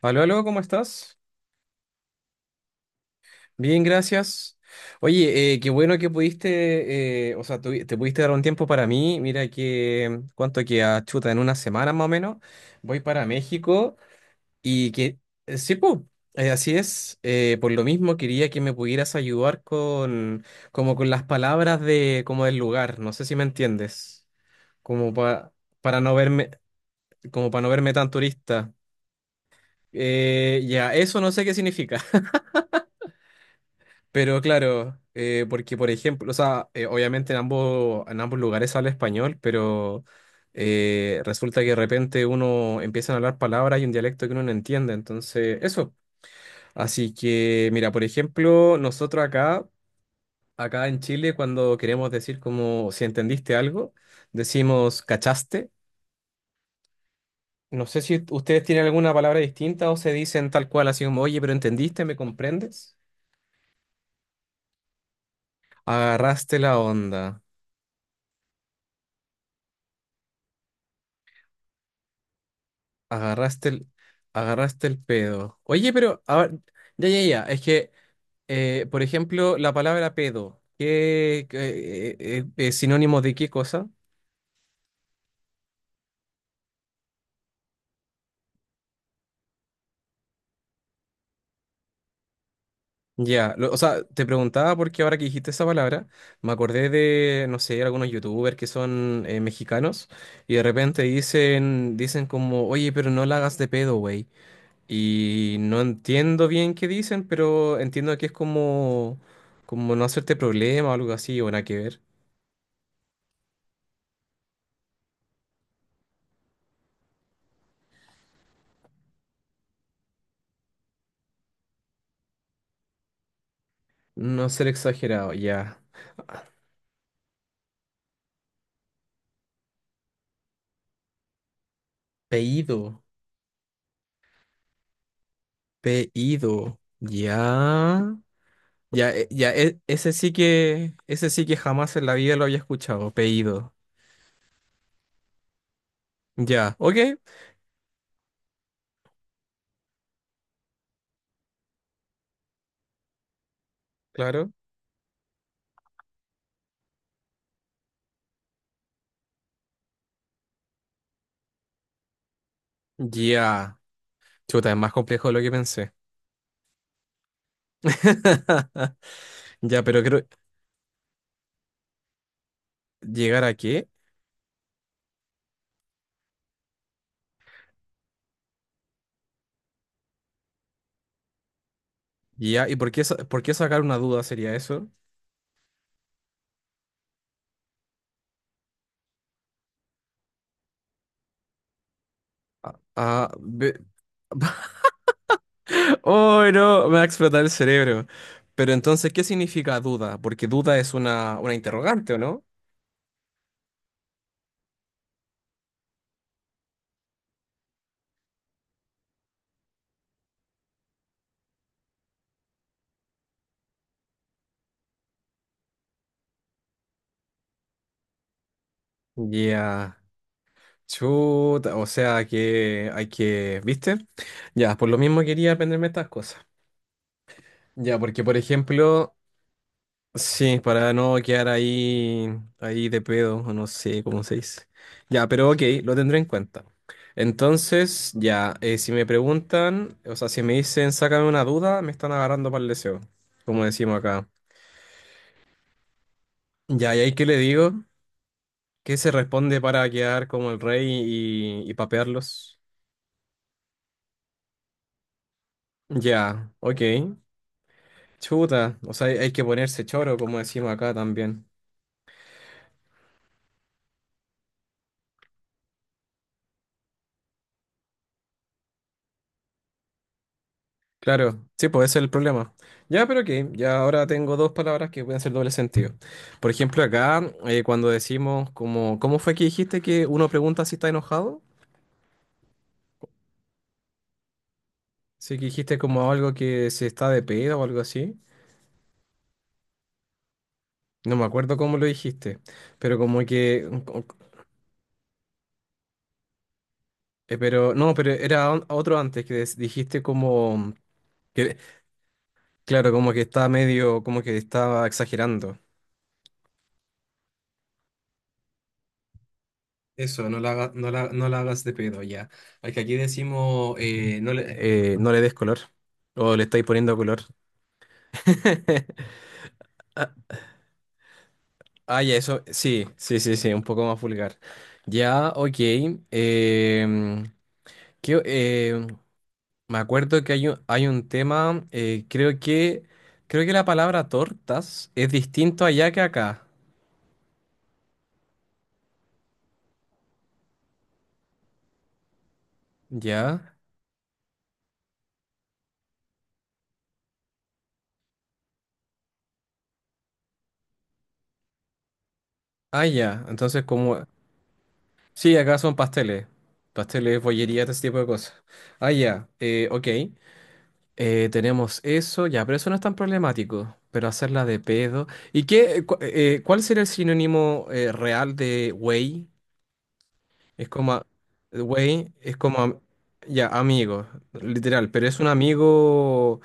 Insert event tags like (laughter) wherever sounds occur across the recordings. Aló, aló, ¿cómo estás? Bien, gracias. Oye, qué bueno que pudiste, te pudiste dar un tiempo para mí. Mira que, ¿cuánto queda? Chuta, en una semana más o menos, voy para México y que, sí, pues, así es. Por lo mismo quería que me pudieras ayudar con, como con las palabras de, como del lugar. ¿No sé si me entiendes? Como pa- para no verme, como para no verme tan turista. Ya, eso no sé qué significa. Pero claro, porque por ejemplo, obviamente en ambos lugares habla español, pero resulta que de repente uno empiezan a hablar palabras y un dialecto que uno no entiende. Entonces, eso. Así que, mira, por ejemplo, nosotros acá, acá en Chile, cuando queremos decir como si entendiste algo, decimos cachaste. No sé si ustedes tienen alguna palabra distinta o se dicen tal cual, así como, oye, pero entendiste, ¿me comprendes? Agarraste la onda. Agarraste el, agarraste el pedo. Oye, pero, a ver, ya, ya, ya. Es que, por ejemplo, la palabra pedo, ¿ es sinónimo de qué cosa? O sea, te preguntaba porque ahora que dijiste esa palabra, me acordé de, no sé, algunos youtubers que son mexicanos y de repente dicen como, oye, pero no la hagas de pedo, güey. Y no entiendo bien qué dicen, pero entiendo que es como, como no hacerte problema o algo así, o nada que ver. No ser exagerado, ya. Pedido, pedido, ya. Ya, ese sí que jamás en la vida lo había escuchado, pedido. Ya, ok, claro. Ya. Chuta, es más complejo de lo que pensé. (laughs) Ya, pero creo, ¿llegar a qué? Ya, ¿ por qué sacar una duda sería eso? Ah, ah, ve- (laughs) Oh, no, me va a explotar el cerebro. Pero entonces, ¿qué significa duda? Porque duda es una interrogante, ¿o no? Ya. Chuta, o sea que hay que, ¿viste? Ya, por lo mismo quería aprenderme estas cosas. Ya, porque por ejemplo, sí, para no quedar ahí, ahí de pedo, o no sé cómo se dice. Ya, pero ok, lo tendré en cuenta. Entonces, ya, si me preguntan, o sea, si me dicen, sácame una duda, me están agarrando para el deseo, como decimos acá. Ya, ¿y ahí qué le digo? ¿Qué se responde para quedar como el rey y papearlos? Ya, ok. Chuta, o sea, hay que ponerse choro, como decimos acá también. Claro, sí, pues ese es el problema. Ya, pero que ya ahora tengo dos palabras que pueden ser doble sentido. Por ejemplo, acá, cuando decimos como, ¿cómo fue que dijiste que uno pregunta si está enojado? Sí, que dijiste como algo que se está de pedo o algo así. No me acuerdo cómo lo dijiste, pero como que, pero, no, pero era on- otro antes que dijiste como, que, claro, como que está medio, como que estaba exagerando. Eso, no la hagas de pedo ya. Al que aquí decimos, no le des color. O le estáis poniendo color. (laughs) Ah, ya, eso, sí, sí, sí, sí, un poco más vulgar. Ya, ok. em, que, me acuerdo que hay un tema, creo que la palabra tortas es distinto allá que acá. Ya. Ah, ya. Entonces, como sí, acá son pasteles. Pasteles, bollería, todo ese tipo de cosas. Ah, ya. Ok. Tenemos eso, ya, pero eso no es tan problemático. Pero hacerla de pedo. ¿Y qué? ¿Cuál sería el sinónimo real de güey? Es como. a- Güey es como. Ya, amigo, literal. Pero es un amigo.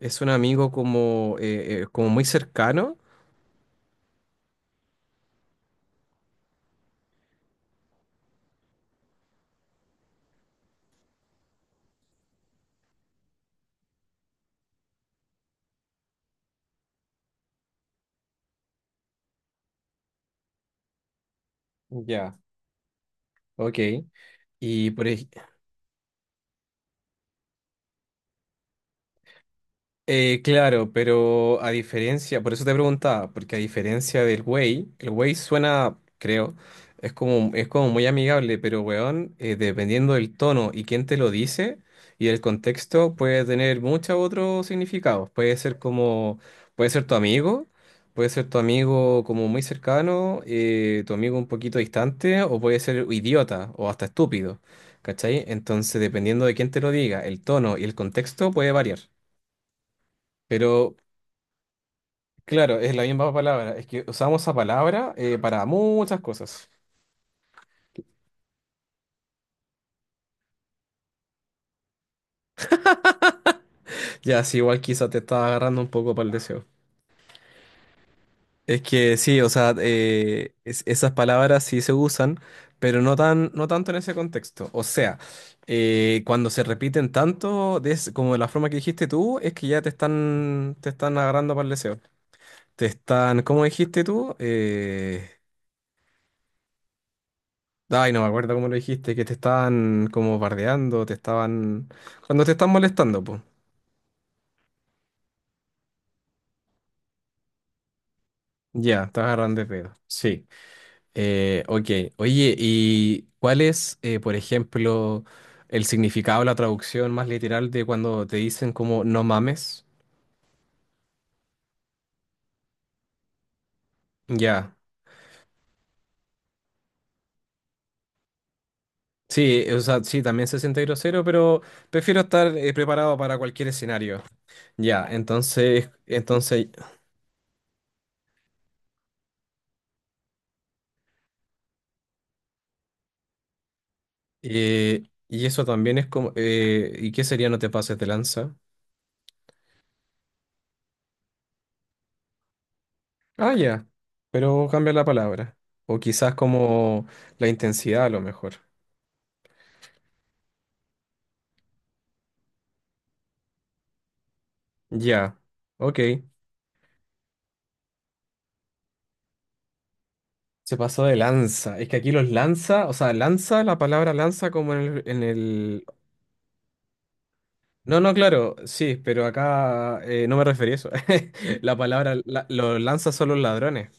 Es un amigo como. Como muy cercano. Ya, ok. Y por, ej- claro, pero a diferencia, por eso te preguntaba, porque a diferencia del Way, el Way suena, creo, es como muy amigable, pero weón, dependiendo del tono y quién te lo dice y el contexto, puede tener muchos otros significados. Puede ser como, puede ser tu amigo, puede ser tu amigo como muy cercano, tu amigo un poquito distante, o puede ser idiota o hasta estúpido, ¿cachai? Entonces, dependiendo de quién te lo diga, el tono y el contexto puede variar. Pero, claro, es la misma palabra. Es que usamos esa palabra para muchas cosas. Ya, sí, igual quizá te estaba agarrando un poco para el deseo. Es que sí, esas palabras sí se usan, pero no tan, no tanto en ese contexto. O sea, cuando se repiten tanto, como de la forma que dijiste tú, es que ya te están agarrando para el deseo. Te están, ¿cómo dijiste tú? Ay, no me acuerdo cómo lo dijiste, que te estaban como bardeando, te estaban, cuando te están molestando, pues. Ya, estás agarrando de pedo. Sí. Ok. Oye, ¿ por ejemplo, el significado, la traducción más literal de cuando te dicen como no mames? Ya. Sí, o sea, sí, también se siente grosero, pero prefiero estar preparado para cualquier escenario. Ya, entonces, entonces, y eso también es como, ¿y qué sería no te pases de lanza? Ah, ya, pero cambia la palabra. O quizás como la intensidad a lo mejor. Ya, ok. Se pasó de lanza. Es que aquí los lanza, o sea, lanza, la palabra lanza como en el- No, no, claro, sí, pero acá no me referí a eso. (laughs) Los lanza son los ladrones,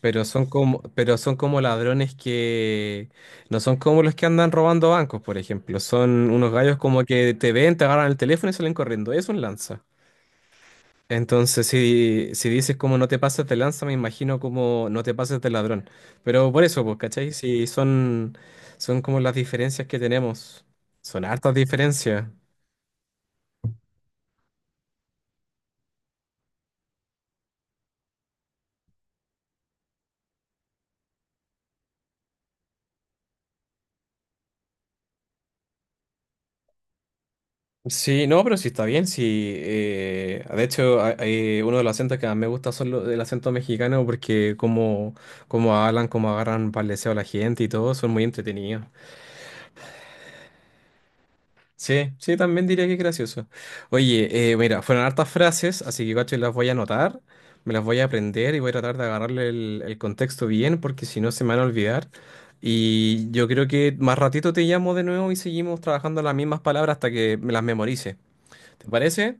pero son como ladrones que no son como los que andan robando bancos, por ejemplo. Son unos gallos como que te ven, te agarran el teléfono y salen corriendo. Es un lanza. Entonces, si dices como no te pases de lanza, me imagino como no te pases de ladrón. Pero por eso, pues, ¿cachai? Si son, Son como las diferencias que tenemos. Son hartas diferencias. Sí, no, pero sí está bien. Sí, uno de los acentos que más me gusta son los, el acento mexicano porque como, como hablan, como agarran paleseo a la gente y todo, son muy entretenidos. Sí, sí, también diría que es gracioso. Oye, mira, fueron hartas frases, así que cacho, las voy a anotar, me las voy a aprender y voy a tratar de agarrarle el contexto bien, porque si no se me van a olvidar. Y yo creo que más ratito te llamo de nuevo y seguimos trabajando las mismas palabras hasta que me las memorice. ¿Te parece?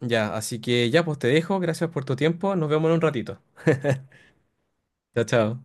Ya, así que ya, pues te dejo, gracias por tu tiempo, nos vemos en un ratito. Chao, chao.